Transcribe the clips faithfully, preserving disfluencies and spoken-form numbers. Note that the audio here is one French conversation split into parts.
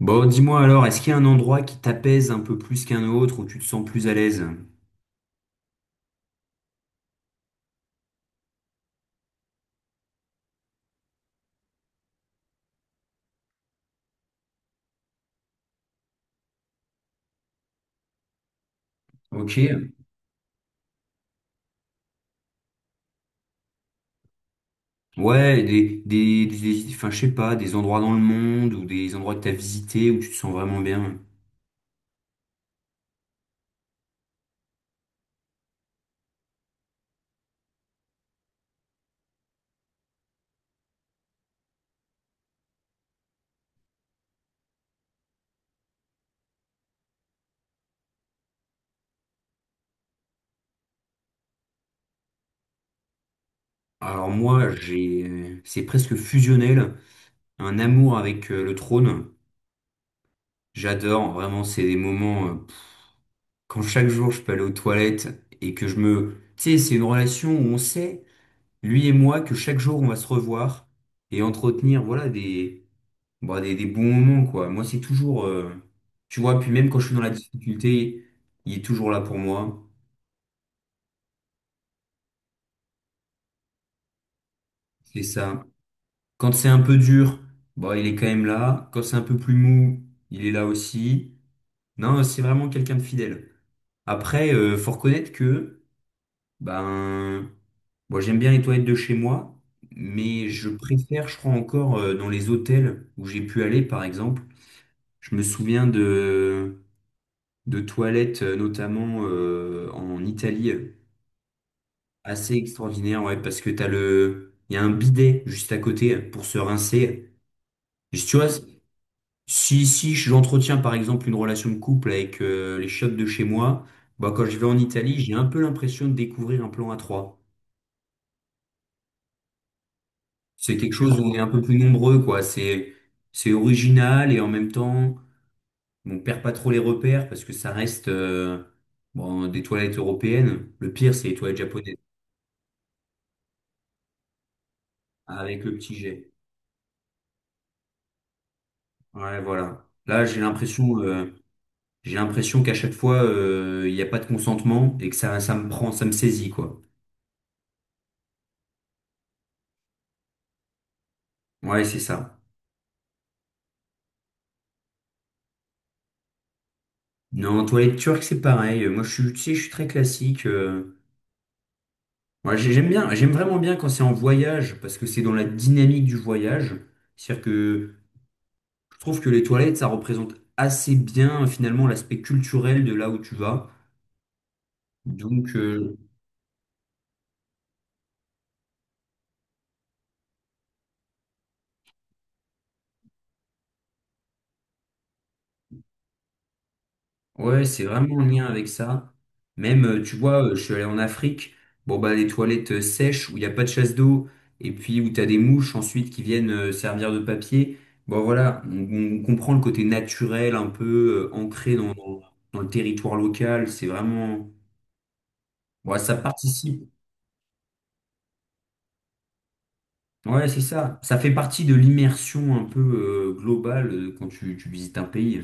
Bon, dis-moi alors, est-ce qu'il y a un endroit qui t'apaise un peu plus qu'un autre, où tu te sens plus à l'aise? Ok. Ouais, des, des, des- des- enfin, je sais pas, des endroits dans le monde, ou des endroits que t'as visités, où tu te sens vraiment bien. Alors moi, j'ai, euh, c'est presque fusionnel, un amour avec euh, le trône. J'adore, vraiment, c'est des moments, euh, pff, quand chaque jour je peux aller aux toilettes, et que je me, tu sais, c'est une relation où on sait, lui et moi, que chaque jour on va se revoir, et entretenir, voilà, des... bon, des, des bons moments, quoi. Moi, c'est toujours, euh, tu vois, puis même quand je suis dans la difficulté, il est toujours là pour moi. C'est ça. Quand c'est un peu dur, bon, il est quand même là. Quand c'est un peu plus mou, il est là aussi. Non, c'est vraiment quelqu'un de fidèle. Après, euh, faut reconnaître que, ben, bon, j'aime bien les toilettes de chez moi, mais je préfère, je crois encore, euh, dans les hôtels où j'ai pu aller, par exemple. Je me souviens de, de toilettes, euh, notamment euh, en Italie. Assez extraordinaire, ouais, parce que t'as le... Il y a un bidet juste à côté pour se rincer. Et tu vois, si, si j'entretiens par exemple une relation de couple avec euh, les chiottes de chez moi, bah, quand je vais en Italie, j'ai un peu l'impression de découvrir un plan à trois. C'est quelque chose où on est un peu plus nombreux, quoi. C'est, c'est original et en même temps, on perd pas trop les repères parce que ça reste euh, bon, des toilettes européennes. Le pire, c'est les toilettes japonaises avec le petit jet. Ouais, voilà. Là, j'ai l'impression... euh, J'ai l'impression qu'à chaque fois, euh, il n'y a pas de consentement et que ça, ça me prend, ça me saisit, quoi. Ouais, c'est ça. Non, toilette turque, c'est pareil. Moi, je suis, tu sais, je suis très classique. euh. Ouais, j'ai- j'aime bien, j'aime vraiment bien quand c'est en voyage parce que c'est dans la dynamique du voyage. C'est-à-dire que je trouve que les toilettes, ça représente assez bien, finalement, l'aspect culturel de là où tu vas. Donc, euh, ouais, c'est vraiment en lien avec ça. Même, euh, tu vois, euh, je suis allé en Afrique, bon bah des toilettes euh, sèches où il n'y a pas de chasse d'eau, et puis où t'as des mouches ensuite qui viennent euh, servir de papier. Bon voilà, on, on comprend le côté naturel, un peu euh, ancré dans, dans, dans le territoire local. C'est vraiment. Ouais, ça participe. Ouais, c'est ça. Ça fait partie de l'immersion un peu euh, globale euh, quand tu, tu visites un pays.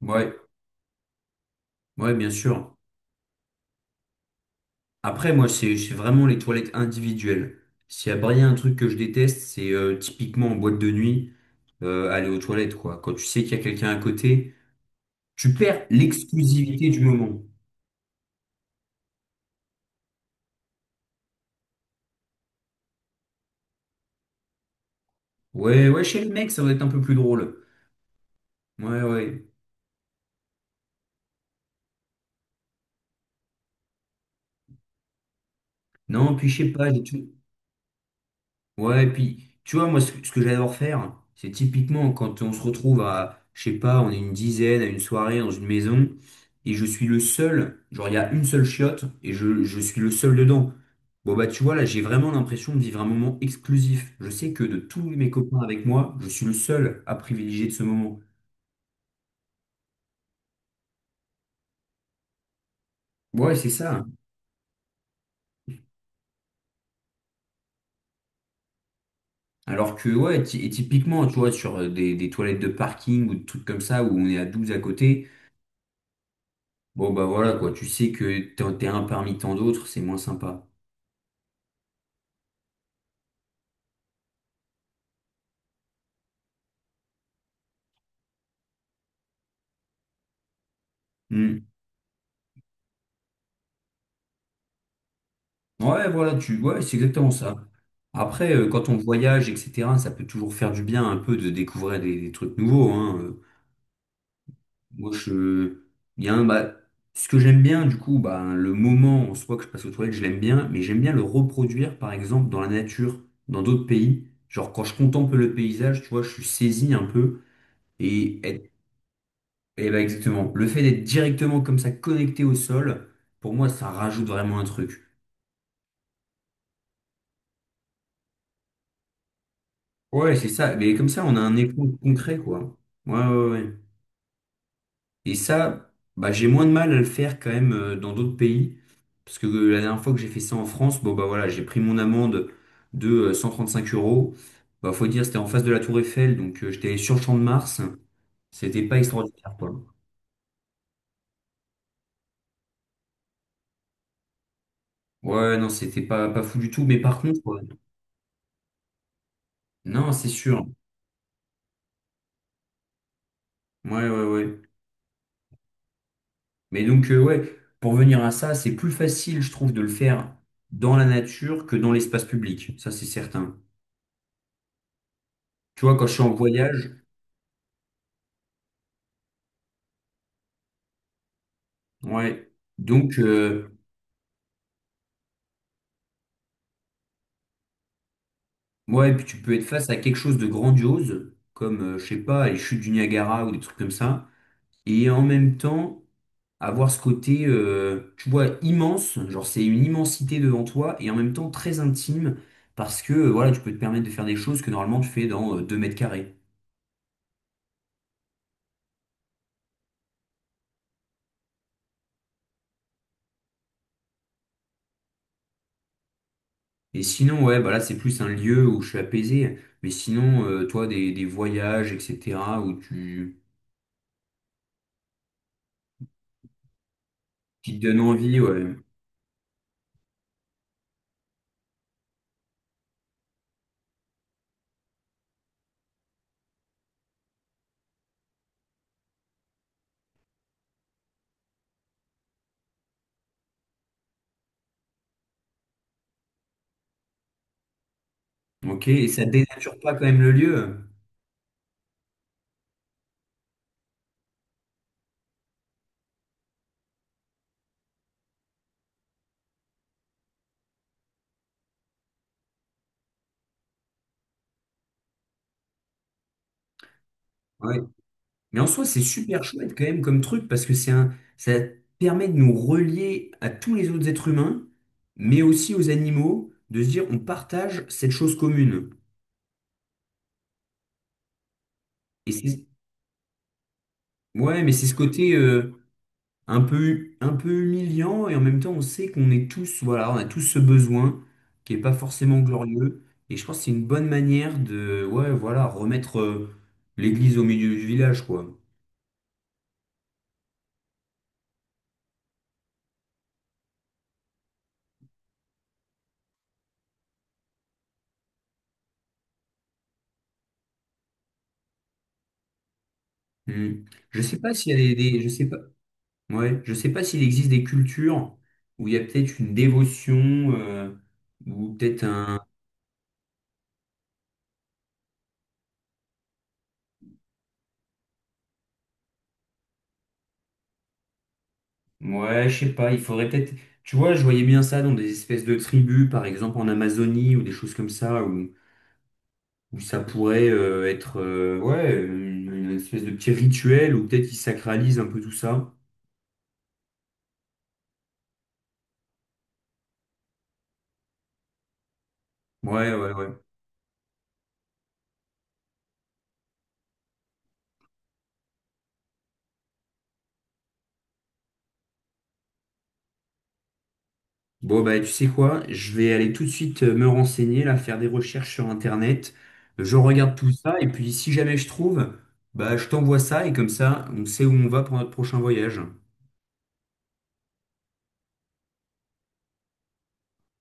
Ouais, ouais, bien sûr. Après, moi, c'est c'est vraiment les toilettes individuelles. S'il y a bien un truc que je déteste, c'est euh, typiquement en boîte de nuit, euh, aller aux toilettes, quoi. Quand tu sais qu'il y a quelqu'un à côté, tu perds l'exclusivité du moment. Ouais, ouais, chez le mec, ça va être un peu plus drôle. Ouais, ouais. Non, puis je sais pas, j'ai tou- Ouais, et puis, tu vois, moi, ce que, ce que j'adore faire, c'est typiquement quand on se retrouve à, je sais pas, on est une dizaine à une soirée dans une maison, et je suis le seul, genre, il y a une seule chiotte, et je, je suis le seul dedans. Bon, bah, tu vois, là, j'ai vraiment l'impression de vivre un moment exclusif. Je sais que de tous mes copains avec moi, je suis le seul à privilégier de ce moment. Ouais, c'est ça. Alors que, ouais, ty- et typiquement, tu vois, sur euh, des, des toilettes de parking ou des trucs comme ça, où on est à douze à côté. Bon, bah voilà, quoi. Tu sais que t'en- t'es un parmi tant d'autres, c'est moins sympa. Hmm. Ouais, voilà, tu... ouais, c'est exactement ça. Après, euh, quand on voyage, et cetera, ça peut toujours faire du bien un peu de découvrir des, des trucs nouveaux, hein. Euh, Moi, je... Bien, bah, ce que j'aime bien, du coup, bah, le moment en soi que je passe aux toilettes, je l'aime bien, mais j'aime bien le reproduire, par exemple, dans la nature, dans d'autres pays. Genre, quand je contemple le paysage, tu vois, je suis saisi un peu. Et Et bah exactement. Le fait d'être directement comme ça connecté au sol, pour moi, ça rajoute vraiment un truc. Ouais, c'est ça. Mais comme ça, on a un écho concret, quoi. Ouais, ouais, ouais. ouais. Et ça, bah, j'ai moins de mal à le faire quand même euh, dans d'autres pays. Parce que euh, la dernière fois que j'ai fait ça en France, bon, bah voilà, j'ai pris mon amende de euh, cinq euros. Bah, faut dire, c'était en face de la Tour Eiffel, donc euh, j'étais sur le Champ de Mars. C'était pas extraordinaire, quoi. Ouais, non, c'était pas, pas fou du tout. Mais par contre, ouais. Non, c'est sûr. Ouais, ouais, ouais. Mais donc, euh, ouais, pour venir à ça, c'est plus facile, je trouve, de le faire dans la nature que dans l'espace public. Ça, c'est certain. Tu vois, quand je suis en voyage, ouais. Donc, euh, ouais, puis tu peux être face à quelque chose de grandiose, comme, euh, je sais pas, les chutes du Niagara ou des trucs comme ça. Et en même temps, avoir ce côté, euh, tu vois, immense, genre c'est une immensité devant toi, et en même temps très intime, parce que, euh, voilà, tu peux te permettre de faire des choses que normalement tu fais dans euh, deux mètres carrés. Et sinon, ouais, bah là, c'est plus un lieu où je suis apaisé. Mais sinon, euh, toi, des, des voyages, et cetera, où tu, qui te donnent envie, ouais. Ok, et ça dénature pas quand même le lieu. Ouais. Mais en soi, c'est super chouette quand même comme truc parce que c'est un, ça permet de nous relier à tous les autres êtres humains, mais aussi aux animaux, de se dire on partage cette chose commune. Et c'est, ouais, mais c'est ce côté, euh, un peu, un peu humiliant et en même temps on sait qu'on est tous, voilà, on a tous ce besoin qui est pas forcément glorieux et je pense que c'est une bonne manière de, ouais, voilà, remettre euh, l'église au milieu du village, quoi. Hmm. Je sais pas s'il y a des, des- je sais pas, ouais, je sais pas s'il existe des cultures où il y a peut-être une dévotion euh, ou peut-être un, ouais, je sais pas, il faudrait peut-être, tu vois, je voyais bien ça dans des espèces de tribus, par exemple en Amazonie ou des choses comme ça où Ou ça pourrait euh, être euh, ouais, une, une espèce de petit rituel ou peut-être ils sacralisent un peu tout ça. Ouais, ouais, ouais. Bon, bah, tu sais quoi? Je vais aller tout de suite euh, me renseigner, là, faire des recherches sur Internet. Je regarde tout ça et puis si jamais je trouve, bah, je t'envoie ça et comme ça, on sait où on va pour notre prochain voyage.